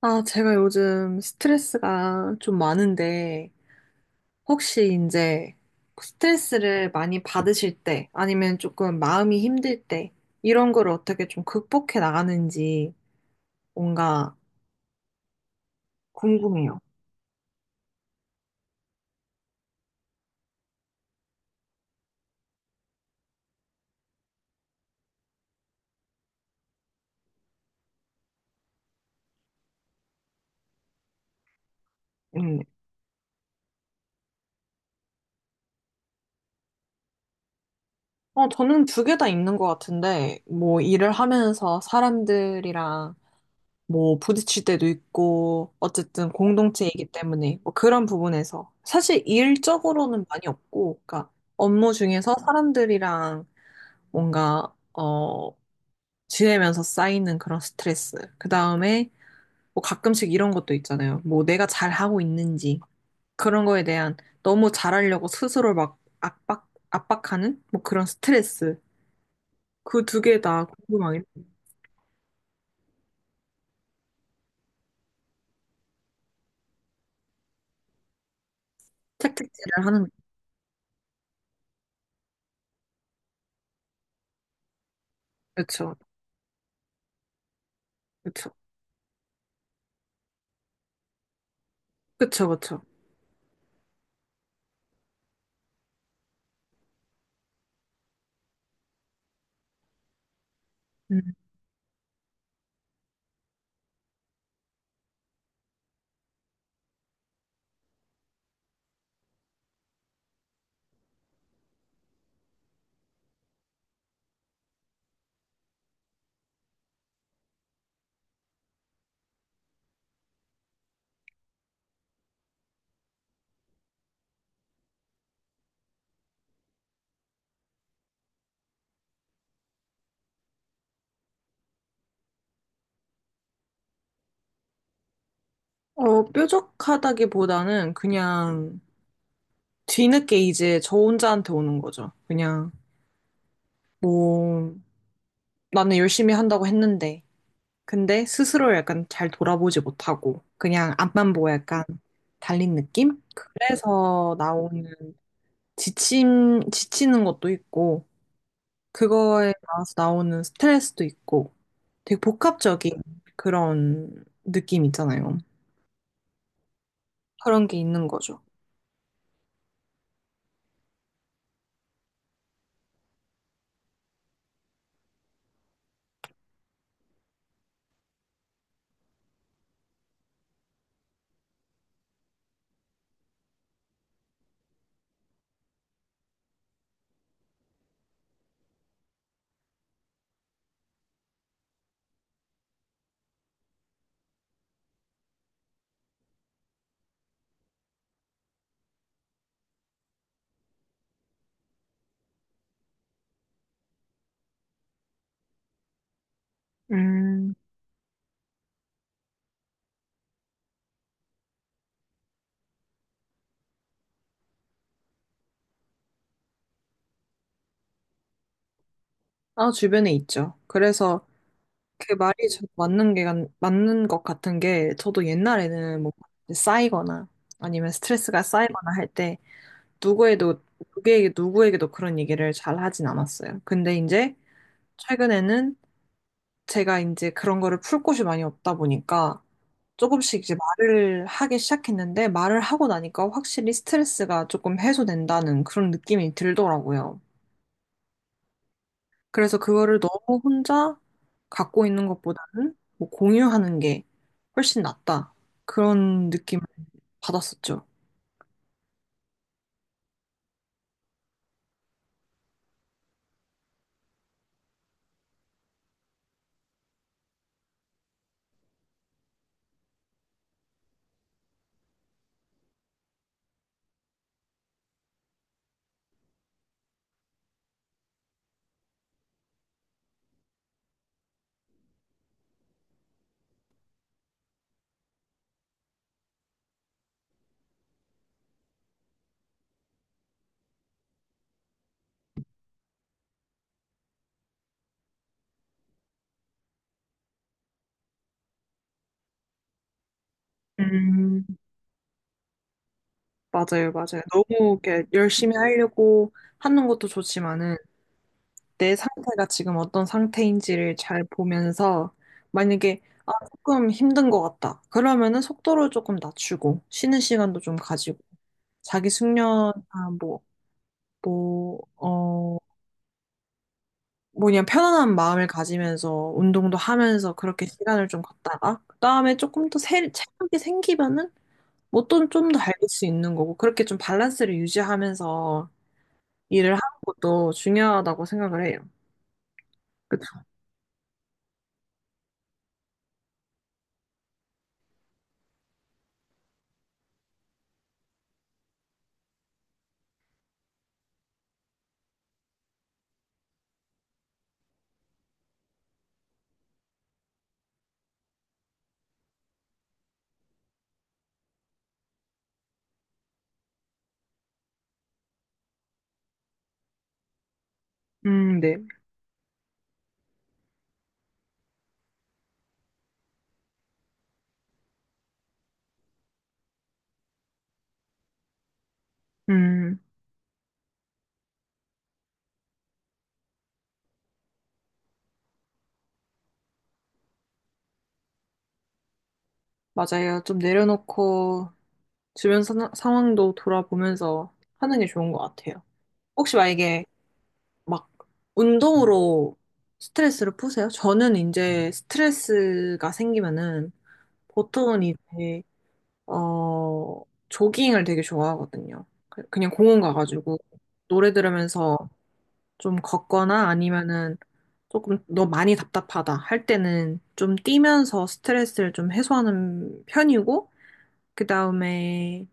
아, 제가 요즘 스트레스가 좀 많은데, 혹시 이제 스트레스를 많이 받으실 때, 아니면 조금 마음이 힘들 때, 이런 걸 어떻게 좀 극복해 나가는지 뭔가 궁금해요. 음. 어, 저는 두 개 다 있는 것 같은데, 뭐 일을 하면서 사람들이랑 뭐 부딪힐 때도 있고, 어쨌든 공동체이기 때문에, 뭐 그런 부분에서. 사실 일적으로는 많이 없고, 그러니까 업무 중에서 사람들이랑 뭔가, 지내면서 쌓이는 그런 스트레스. 그 다음에, 뭐 가끔씩 이런 것도 있잖아요. 뭐 내가 잘하고 있는지, 그런 거에 대한 너무 잘하려고 스스로 막 압박하는? 뭐 그런 스트레스. 그 두 개 다 궁금하게 채찍질을 하는, 거죠. 그쵸, 그쵸, 그쵸, 그쵸. 음. 뾰족하다기보다는 그냥 뒤늦게 이제 저 혼자한테 오는 거죠. 그냥, 뭐, 나는 열심히 한다고 했는데, 근데 스스로 약간 잘 돌아보지 못하고 그냥 앞만 보고 약간 달린 느낌? 그래서 나오는 지침, 지치는 것도 있고 그거에 따라서 나오는 스트레스도 있고 되게 복합적인 그런 느낌 있잖아요. 그런 게 있는 거죠. 음, 아, 주변에 있죠. 그래서 맞는 게, 맞는 것 같은 게 저도 옛날에는 뭐 쌓이거나 아니면 스트레스가 쌓이거나 할때 누구에도 누구에게 누구에게도 그런 얘기를 잘 하진 않았어요. 근데 이제 최근에는 제가 이제 그런 거를 풀 곳이 많이 없다 보니까 조금씩 이제 말을 하기 시작했는데 말을 하고 나니까 확실히 스트레스가 조금 해소된다는 그런 느낌이 들더라고요. 그래서 그거를 너무 혼자 갖고 있는 것보다는 뭐 공유하는 게 훨씬 낫다. 그런 느낌을 받았었죠. 음. 맞아요, 맞아요. 너무 이렇게 열심히 하려고 하는 것도 좋지만은 내 상태가 지금 어떤 상태인지를 잘 보면서 만약에 아, 조금 힘든 것 같다. 그러면은 속도를 조금 낮추고 쉬는 시간도 좀 가지고 자기 숙련 아, 뭐, 뭐, 어, 뭐냐 편안한 마음을 가지면서 운동도 하면서 그렇게 시간을 좀 갖다가 그다음에 체력이 생기면은 뭐또좀더 달릴 수 있는 거고 그렇게 좀 밸런스를 유지하면서 일을 하는 것도 중요하다고 생각을 해요. 그쵸? 네. 음, 맞아요. 좀 내려놓고 상황도 돌아보면서 하는 게 좋은 것 같아요. 혹시 만약에 막 운동으로 스트레스를 푸세요? 저는 이제 스트레스가 생기면은 보통은 이제, 어, 조깅을 되게 좋아하거든요. 그냥 공원 가가지고 노래 들으면서 좀 걷거나 아니면은 조금 너 많이 답답하다 할 때는 좀 뛰면서 스트레스를 좀 해소하는 편이고, 그 다음에,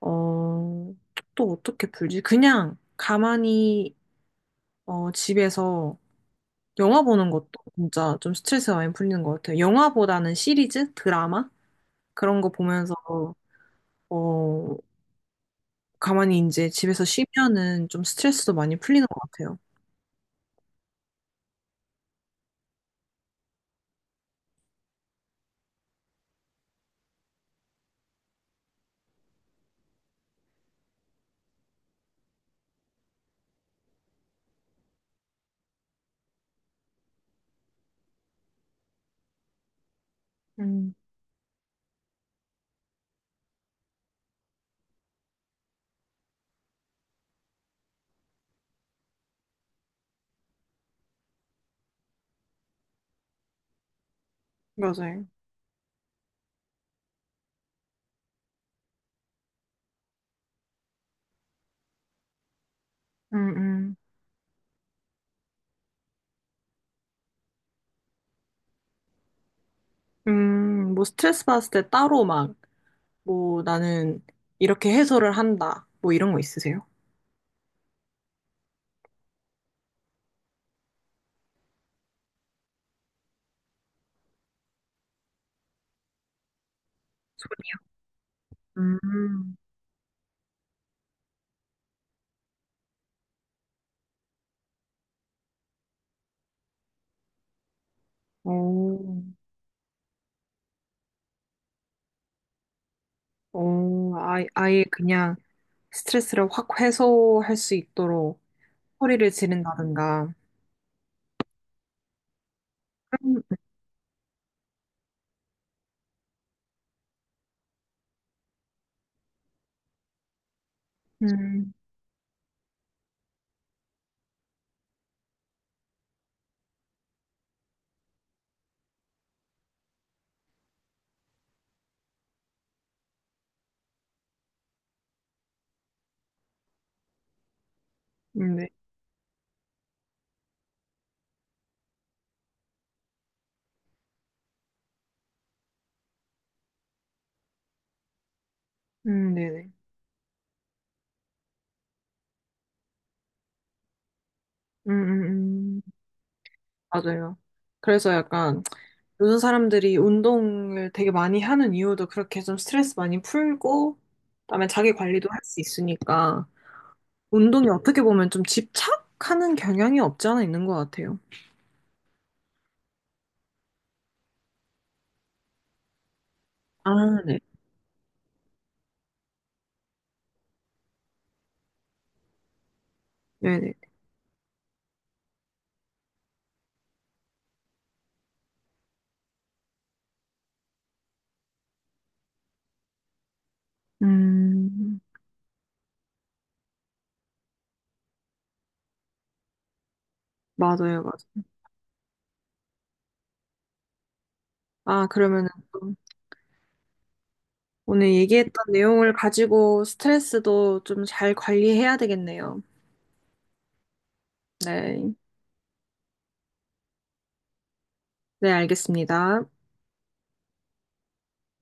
어, 또 어떻게 풀지? 그냥 가만히, 집에서 영화 보는 것도 진짜 좀 스트레스가 많이 풀리는 것 같아요. 영화보다는 시리즈? 드라마? 그런 거 보면서, 어, 가만히 이제 집에서 쉬면은 좀 스트레스도 많이 풀리는 것 같아요. 음, 맞아요. 음, 음. 뭐 스트레스 받았을 때 따로 막, 뭐 나는 이렇게 해소를 한다. 뭐 이런 거 있으세요? 음, 오, 오, 아, 아예 그냥 스트레스를 확 해소할 수 있도록 소리를 지른다든가. 음, 음, 네. 네네. 음, 음, 음. 맞아요. 그래서 약간 요즘 사람들이 운동을 되게 많이 하는 이유도 그렇게 좀 스트레스 많이 풀고, 그다음에 자기 관리도 할 수 있으니까 운동이 어떻게 보면 좀 집착하는 경향이 없지 않아 있는 것 같아요. 아, 네. 네네. 음, 맞아요, 맞아요. 아, 그러면은 좀 오늘 얘기했던 내용을 가지고 스트레스도 좀 잘 관리해야 되겠네요. 네. 네, 알겠습니다.